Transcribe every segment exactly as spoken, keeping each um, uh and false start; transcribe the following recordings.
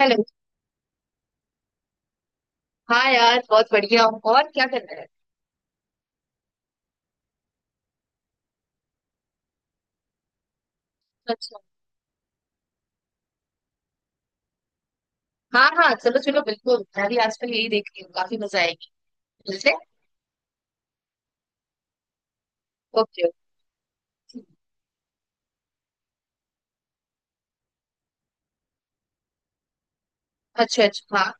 Hello. हाँ यार, बहुत बढ़िया हूँ। और क्या कर रहा है? अच्छा। हाँ हाँ, चलो चलो, बिल्कुल। मैं भी आजकल यही देख रही हूँ, काफी मजा आएगी। मिलते हैं? ओके। ओके। अच्छा अच्छा, हाँ।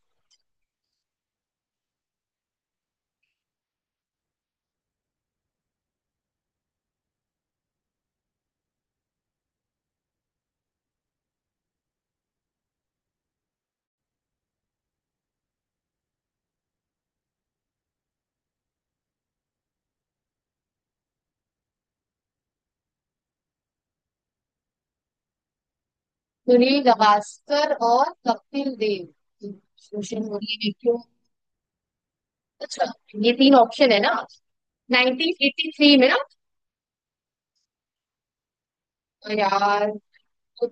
सुनील गावस्कर और कपिल देव। सोशल मीडिया देखियो। अच्छा, ये तीन ऑप्शन है ना? नाइनटीन एटी थ्री में ना? तो यार, तो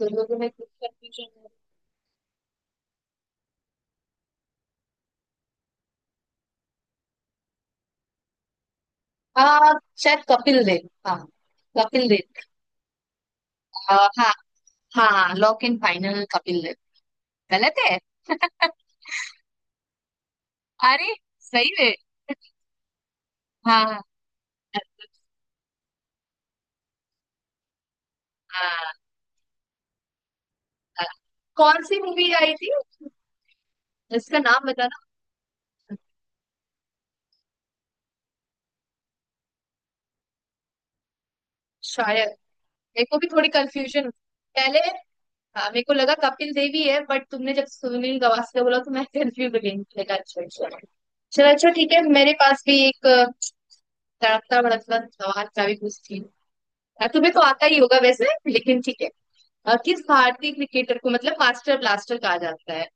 दोनों को मैं कुछ कंफ्यूजन हूँ। हाँ, शायद कपिल देव। हाँ कपिल देव। आ, हाँ। हाँ, lock in final Kapil Dev. गलत है? अरे, सही है। हाँ हाँ। हाँ, हाँ। कौन सी मूवी आई थी? इसका नाम बताना। शायद मेरे को भी थोड़ी कंफ्यूजन पहले। हाँ, मेरे को लगा कपिल देवी है, बट तुमने जब सुनील गावस्कर बोला तो मैं कंफ्यूज हो गई, मुझे लगा अच्छा अच्छा। चलो अच्छा, ठीक है। मेरे पास भी एक अ, तड़कता भड़कता सवाल का भी कुछ थी। अ, तुम्हें तो आता ही होगा वैसे, लेकिन ठीक है। अ, किस भारतीय क्रिकेटर को मतलब मास्टर ब्लास्टर कहा जाता है?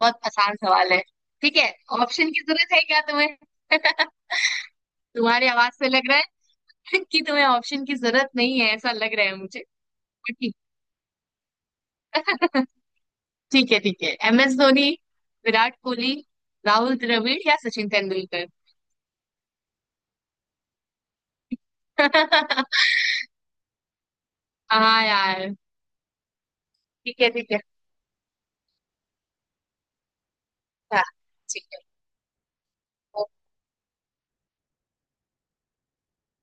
बहुत आसान सवाल है। ठीक है। ऑप्शन की जरूरत है क्या तुम्हें? तुम्हारी आवाज से लग रहा है कि तुम्हें ऑप्शन की जरूरत नहीं है, ऐसा लग रहा है मुझे। पर ठीक। ठीक है ठीक है। एम एस धोनी, विराट कोहली, राहुल द्रविड़ या सचिन तेंदुलकर। हाँ यार। ठीक है ठीक है। हाँ। ठीक है। ओ,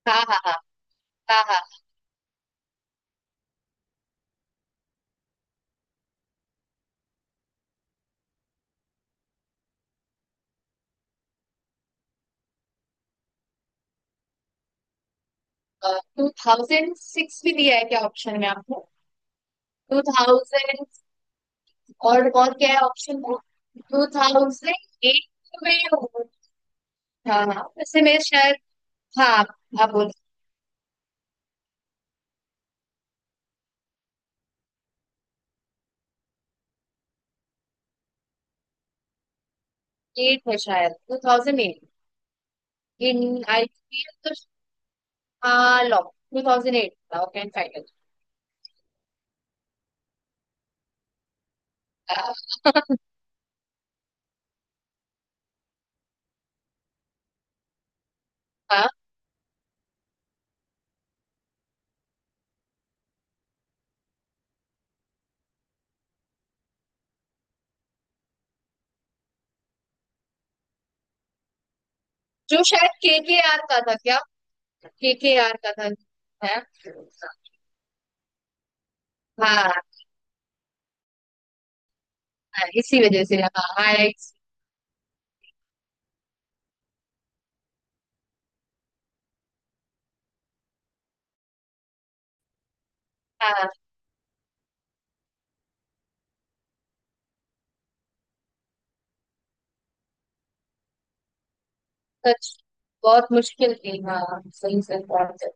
हाँ हाँ हाँ। हाँ, हाँ टू थाउजेंड सिक्स भी दिया है क्या ऑप्शन में आपको? टू थाउजेंड और और क्या है ऑप्शन में? टू थाउजेंड एट में हो- हाँ हाँ, वैसे मैं शायद, हाँ, आप बोल। एट है, शायद two thousand eight in IPL तो। हाँ, लॉक टू थाउजेंड एट था, ओके एंड फाइनल। हाँ जो शायद के के आर का था क्या? के के आर का था, है। हाँ हाँ, इसी वजह से। हाँ, हाँ एक- हाँ। सच, बहुत मुश्किल थी हाँ, सही से बात है।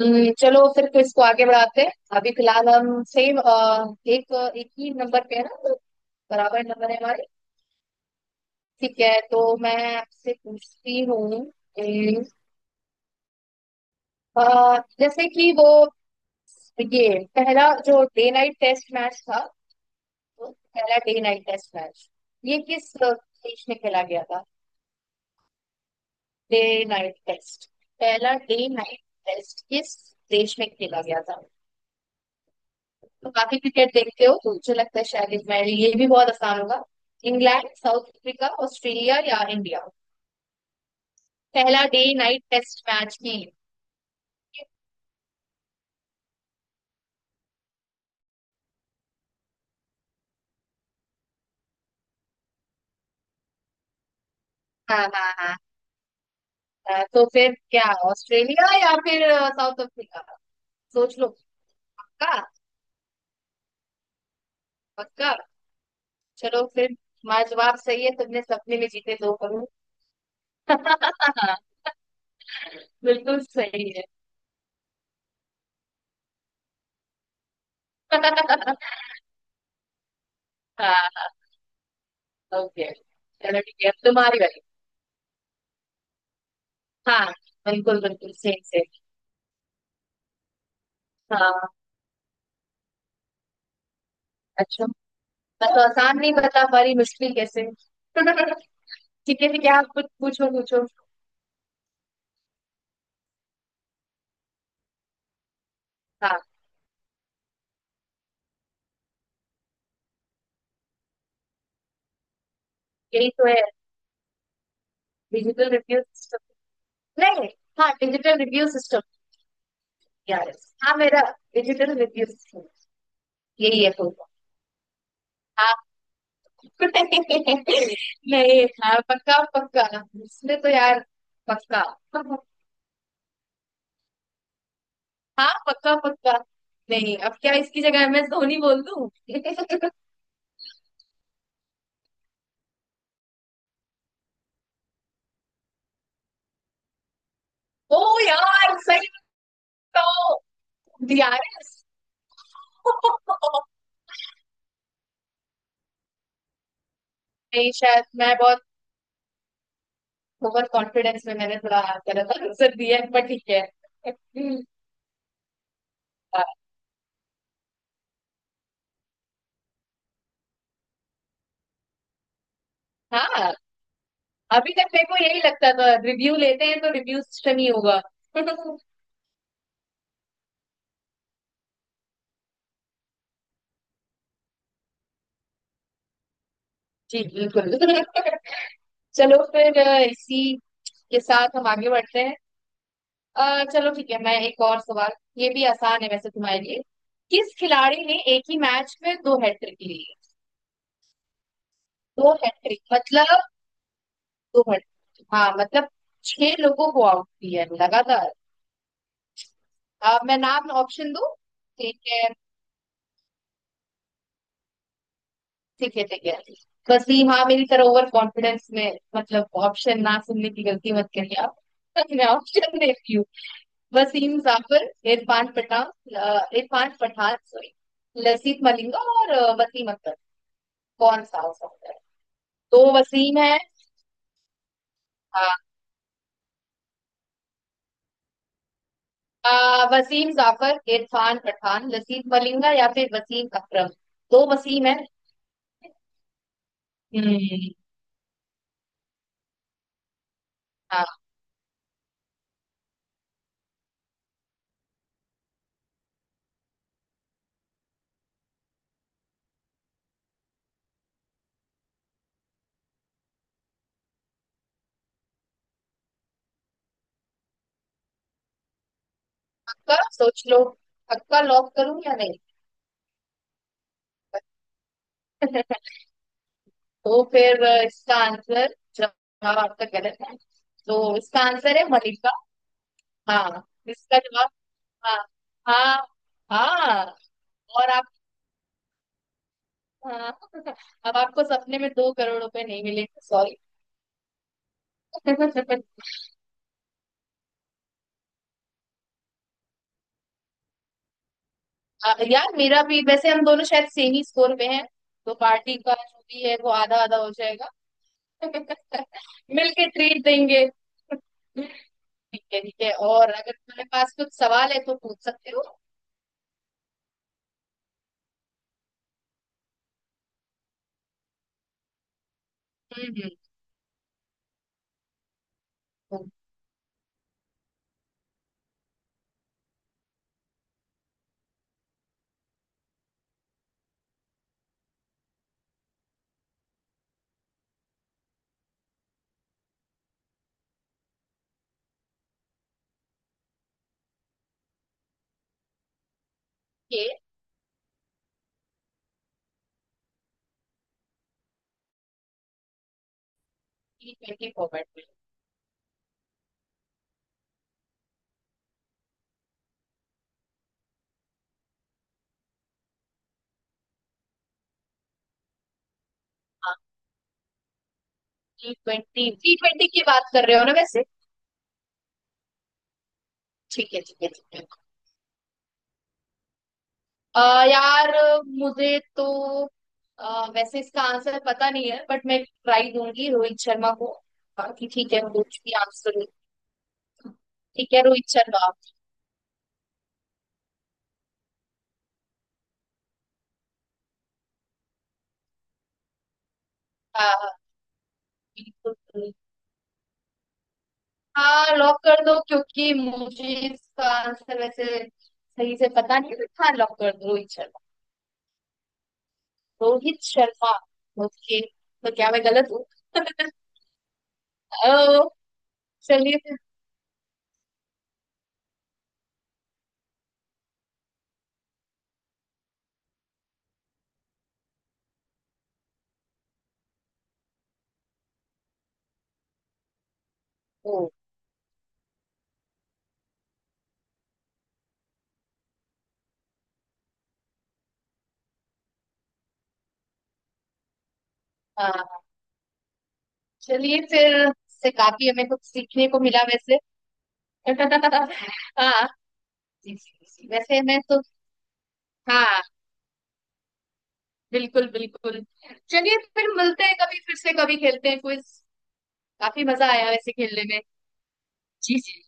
हम्म, चलो फिर तो इसको आगे बढ़ाते हैं। अभी फिलहाल हम सेम अ, एक एक ही नंबर पे है ना, तो बराबर नंबर है हमारे। ठीक है, तो मैं आपसे पूछती हूँ। अ, जैसे कि वो, ये पहला जो डे नाइट टेस्ट मैच था, वो पहला डे नाइट टेस्ट मैच, ये किस अ, देश में खेला गया था? डे नाइट टेस्ट, पहला डे नाइट टेस्ट किस देश में खेला गया था? तो काफी क्रिकेट देखते हो, तो मुझे लगता है शायद इस- मैं, ये भी बहुत आसान होगा। इंग्लैंड, साउथ अफ्रीका, ऑस्ट्रेलिया या इंडिया? पहला डे नाइट टेस्ट मैच की। हाँ हाँ हाँ। अ, तो फिर क्या ऑस्ट्रेलिया या फिर अ, साउथ अफ्रीका? सोच लो। पक्का पक्का। चलो फिर, हमारा जवाब सही है, तुमने सपने में जीते दो करोड़। बिल्कुल सही है। हाँ। ओके। चलो ठीक है, अब तुम्हारी बारी। हाँ। बिल्कुल बिल्कुल, सेम सेम। हाँ। अच्छा। मैं तो आसान नहीं बता पा रही, मुश्किल कैसे? ठीक है ठीक है, आप कुछ पूछो पूछो। हाँ। यही तो है, डिजिटल रिव्यू सिस्टम। नहीं। हाँ, डिजिटल रिव्यू सिस्टम। यार, हाँ मेरा, डिजिटल रिव्यू सिस्टम, यही है तो। हाँ, नहीं हाँ पक्का पक्का। इसमें तो यार, पक्का। हाँ पक्का पक्का। नहीं, अब क्या इसकी जगह एम एस धोनी बोल दूं? ओ यार, सही बताओ डीआरएस। नहीं शायद मैं बहुत ओवर कॉन्फिडेंस में मैंने थोड़ा गलत आंसर दिया है, पर ठीक है। हाँ, हाँ, अभी तक मेरे को यही लगता था, रिव्यू लेते हैं तो रिव्यू सिस्टम ही होगा। जी बिल्कुल। चलो फिर अ, इसी के साथ हम आगे बढ़ते हैं। अ, चलो ठीक है, मैं एक और सवाल, ये भी आसान है वैसे तुम्हारे लिए। किस खिलाड़ी ने एक ही मैच में दो हैट्रिक ली है? दो हैट्रिक मतलब, दो हैट्रिक हाँ, मतलब छह लोगों को आउट किया है लगातार। अ, मैं नाम ऑप्शन दूं, ठीक है ठीक है ठीक है। वसीम, हाँ मेरी तरह ओवर कॉन्फिडेंस में मतलब ऑप्शन ना सुनने की गलती मत करिए आप। मैं ऑप्शन देती हूँ। वसीम जाफर, इरफान पठान, अ, इरफान पठान सॉरी, लसीत मलिंगा और अ, वसीम अख्तर। कौन सा हो सकता है? तो वसीम है। हाँ, अ, वसीम जाफर, इरफान पठान, लसीत मलिंगा या फिर वसीम अकरम। दो वसीम है। हम्म। हाँ पक्का, सोच लो पक्का। लॉक करूं या नहीं? तो फिर अ, इसका आंसर, जवाब आपका गलत है। तो इसका आंसर है मलिका। हाँ, इसका जवाब, हाँ हाँ हाँ। और आप? हाँ। अब आपको सपने में दो करोड़ रुपए नहीं मिलेंगे, सॉरी। यार मेरा भी वैसे, हम दोनों शायद सेम ही स्कोर पे हैं, तो पार्टी का जो भी है वो आधा आधा हो जाएगा। मिलके ट्रीट देंगे। ठीक है ठीक है, और अगर तुम्हारे पास कुछ सवाल है तो पूछ सकते हो। हम्म हम्म। ओके। टी ट्वेंटी फॉर्मेट में? हाँ, टी ट्वेंटी, टी ट्वेंटी की बात कर रहे हो ना वैसे? ठीक है ठीक है ठीक है। अ, यार, मुझे तो, अ, वैसे इसका आंसर पता नहीं है, बट मैं ट्राई दूंगी रोहित शर्मा को, बाकी ठीक है कुछ भी आंसर हो। तो, ठीक है, रोहित शर्मा। हाँ हाँ, बिल्कुल। हाँ लॉक कर दो, क्योंकि मुझे इसका आंसर वैसे सही से पता नहीं है, but हाँ लॉक कर दो, रोहित शर्मा। रोहित शर्मा। ओके, तो क्या मैं गलत हूँ? ओ, चलिए फिर। ओ। हाँ। चलिए फिर से, काफी हमें कुछ सीखने को मिला वैसे। हाँ वैसे मैं तो, हाँ बिल्कुल बिल्कुल। चलिए फिर, मिलते हैं कभी फिर से, कभी खेलते हैं क्विज। काफी मजा आया वैसे खेलने में। जी जी।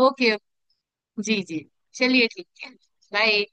ओके। जी जी। चलिए ठीक है। बाय।